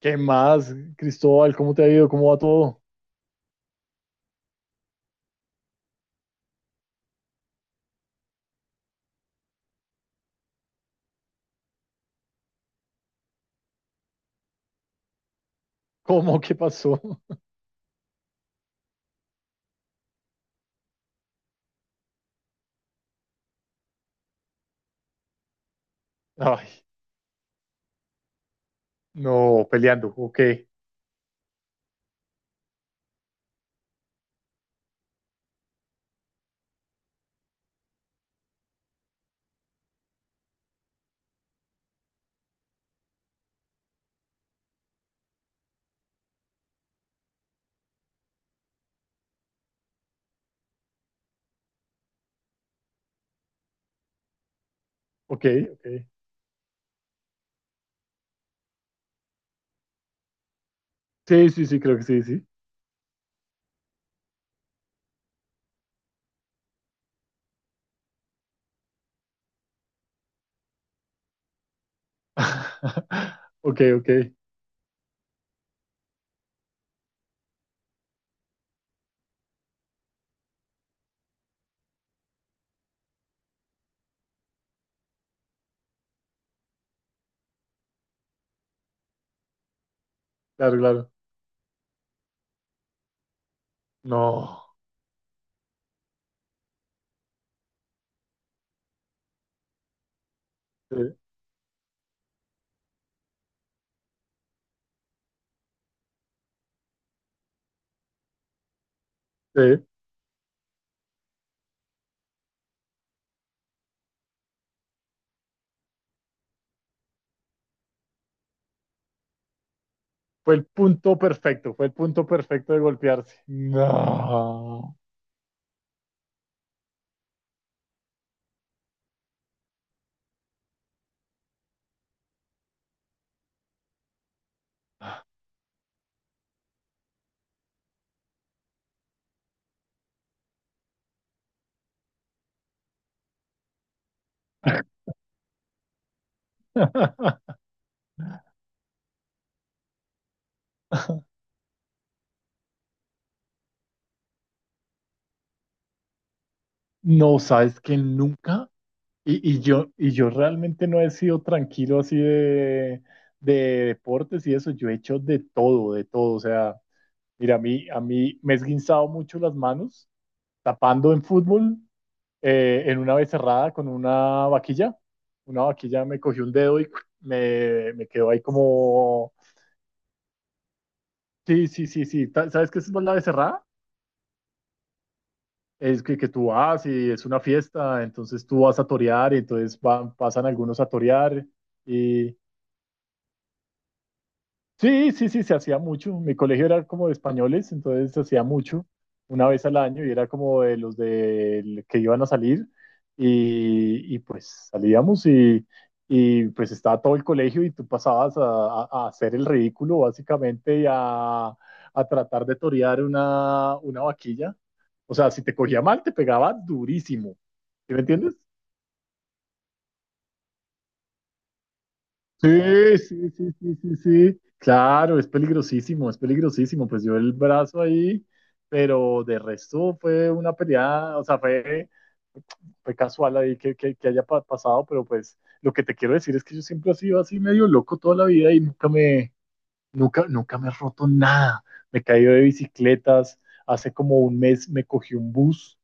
¿Qué más, Cristóbal? ¿Cómo te ha ido? ¿Cómo va todo? ¿Cómo? ¿Qué pasó? Ay, no, peleando. Ok, ok, ok. Sí, sí, sí, creo que sí, sí. Ok, ok, claro, claro. No, sí, sí. Fue el punto perfecto, fue el punto perfecto de golpearse. No. No, sabes que nunca, y yo realmente no he sido tranquilo así de deportes y eso, yo he hecho de todo, o sea, mira, a mí me he esguinzado mucho las manos tapando en fútbol, en una vez cerrada con una vaquilla. Una vaquilla me cogió un dedo y me quedó ahí como. Sí, sí, sí, sí. ¿Sabes qué es la becerrada? Es que tú vas y es una fiesta, entonces tú vas a torear y entonces van, pasan algunos a torear. Sí, sí, sí, se hacía mucho. Mi colegio era como de españoles, entonces se hacía mucho, una vez al año, y era como de los de, que iban a salir, y pues salíamos, y pues estaba todo el colegio y tú pasabas a hacer el ridículo básicamente y a tratar de torear una vaquilla. O sea, si te cogía mal, te pegaba durísimo. ¿Sí me entiendes? Sí, sí, sí, sí, sí, sí. Claro, es peligrosísimo, es peligrosísimo. Pues yo el brazo ahí, pero de resto fue una pelea, o sea, fue, casual ahí que haya pasado, pero pues lo que te quiero decir es que yo siempre he sido así medio loco toda la vida y nunca me he roto nada. Me he caído de bicicletas, hace como un mes me cogí un bus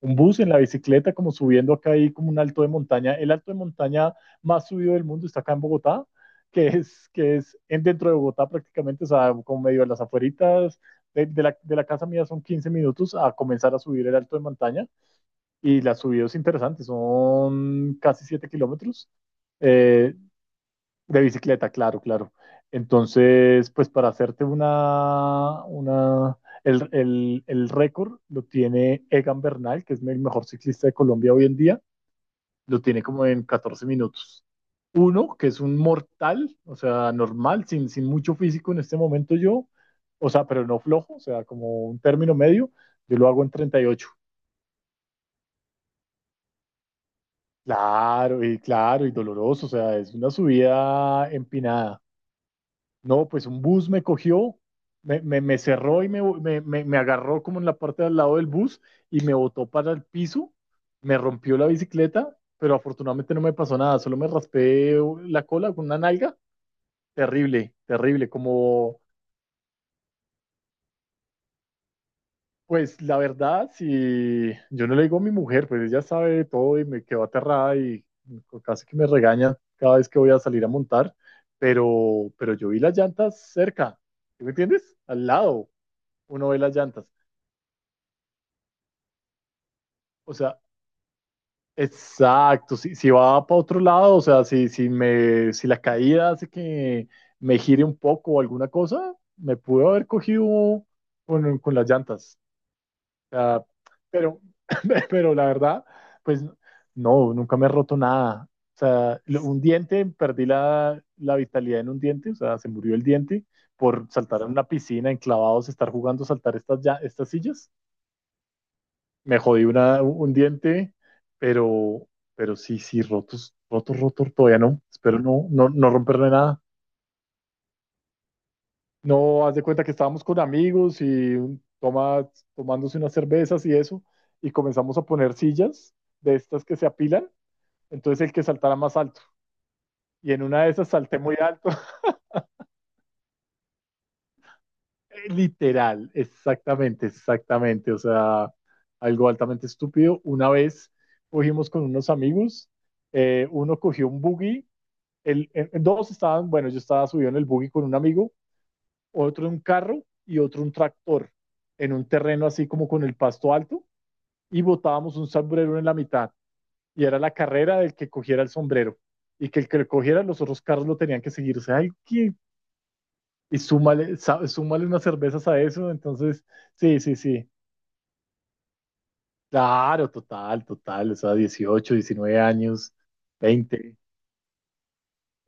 un bus en la bicicleta, como subiendo acá ahí como un alto de montaña. El alto de montaña más subido del mundo está acá en Bogotá, que es en, dentro de Bogotá prácticamente, o sea, como medio a las afueritas. De la casa mía son 15 minutos a comenzar a subir el alto de montaña y la subida es interesante, son casi 7 kilómetros. Eh, de bicicleta, claro, claro. Entonces, pues para hacerte una, el récord lo tiene Egan Bernal, que es el mejor ciclista de Colombia hoy en día, lo tiene como en 14 minutos. Uno, que es un mortal, o sea, normal, sin mucho físico en este momento yo, o sea, pero no flojo, o sea, como un término medio, yo lo hago en 38. Claro, y claro, y doloroso, o sea, es una subida empinada. No, pues un bus me cogió, me cerró y me agarró como en la parte de al lado del bus y me botó para el piso, me rompió la bicicleta, pero afortunadamente no me pasó nada, solo me raspé la cola con una nalga. Terrible, terrible, como, pues la verdad, si yo no le digo a mi mujer, pues ella sabe todo y me quedó aterrada y casi que me regaña cada vez que voy a salir a montar, pero yo vi las llantas cerca, ¿sí me entiendes? Al lado uno ve las llantas. O sea, exacto. Si va para otro lado, o sea, si la caída hace que me gire un poco o alguna cosa, me pudo haber cogido con las llantas. O sea, pero, pero la verdad, pues no, nunca me he roto nada. O sea, un diente, perdí la vitalidad en un diente, o sea, se murió el diente por saltar en una piscina, enclavados, estar jugando, saltar estas, ya, estas sillas. Me jodí un diente, pero, pero, sí, sí, rotos, rotos, rotos, todavía no. Espero no romperme nada. No, haz de cuenta que estábamos con amigos y toma, tomándose unas cervezas y eso, y comenzamos a poner sillas de estas que se apilan, entonces el que saltara más alto. Y en una de esas salté muy alto. Literal, exactamente, exactamente, o sea, algo altamente estúpido. Una vez cogimos con unos amigos, uno cogió un buggy. En dos estaban, bueno, yo estaba subido en el buggy con un amigo, otro en un carro y otro un tractor en un terreno así como con el pasto alto y botábamos un sombrero en la mitad y era la carrera del que cogiera el sombrero y que el que lo cogiera los otros carros lo tenían que seguir. O sea, hay que, y súmale, unas cervezas a eso. Entonces, sí, sí, sí. Claro, total, total. O sea, 18, 19 años, 20.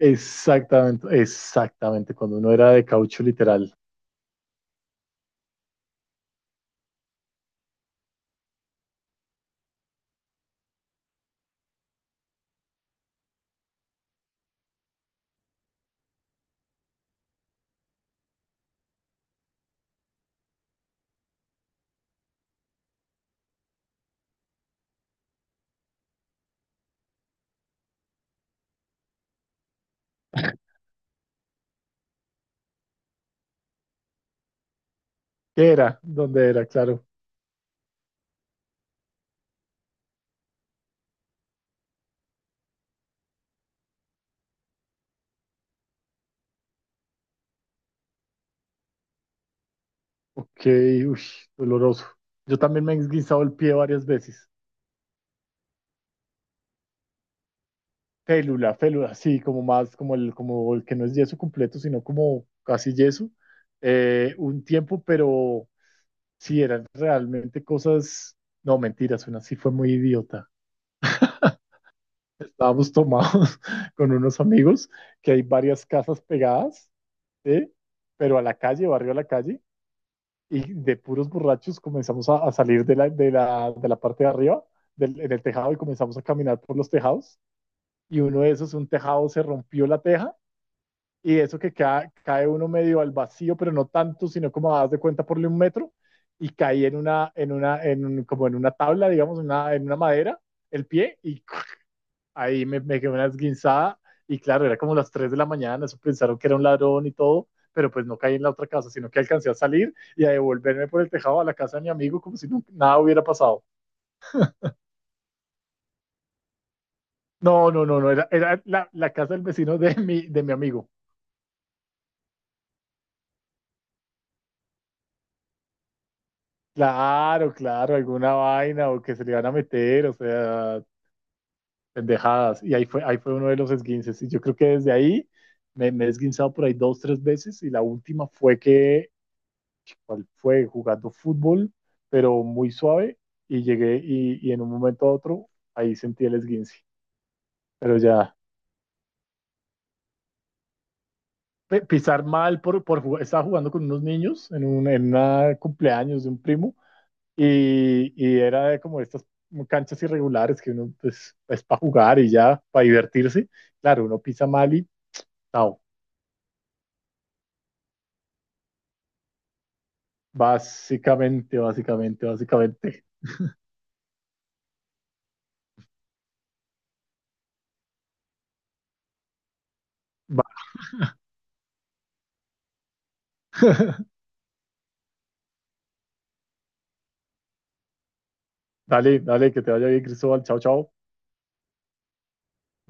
Exactamente, exactamente. Cuando uno era de caucho literal. ¿Qué era? ¿Dónde era? Claro. Ok, uy, doloroso. Yo también me he esguinzado el pie varias veces. Félula, félula, sí, como más, como el que no es yeso completo, sino como casi yeso. Un tiempo, pero sí eran realmente cosas, no, mentiras, una sí fue muy idiota. Estábamos tomados con unos amigos, que hay varias casas pegadas, ¿sí? Pero a la calle, barrio a la calle, y de puros borrachos comenzamos a salir de la parte de arriba, en el tejado, y comenzamos a caminar por los tejados. Y uno de esos, un tejado, se rompió la teja y eso que cae, uno medio al vacío, pero no tanto, sino como das de cuenta por 1 metro y caí en un, como en una tabla, digamos, en una madera, el pie, y ahí me quedé una esguinzada y claro, era como las 3 de la mañana, eso pensaron que era un ladrón y todo, pero pues no caí en la otra casa, sino que alcancé a salir y a devolverme por el tejado a la casa de mi amigo como si no, nada hubiera pasado. No, no, no, no, era, la casa del vecino de mi amigo. Claro, claro, alguna vaina o que se le van a meter, o sea, pendejadas. Y ahí fue uno de los esguinces. Y yo creo que desde ahí me he esguinzado por ahí dos, tres veces. Y la última fue que cual fue jugando fútbol, pero muy suave, y llegué y en un momento a otro ahí sentí el esguince, pero ya pisar mal por jugar, estaba jugando con unos niños en un en una cumpleaños de un primo, y era de como estas canchas irregulares que uno pues, es para jugar y ya, para divertirse, claro, uno pisa mal y chao, básicamente, básicamente, básicamente. Va. Dale, dale, que te vaya bien, Cristóbal, chao, chao.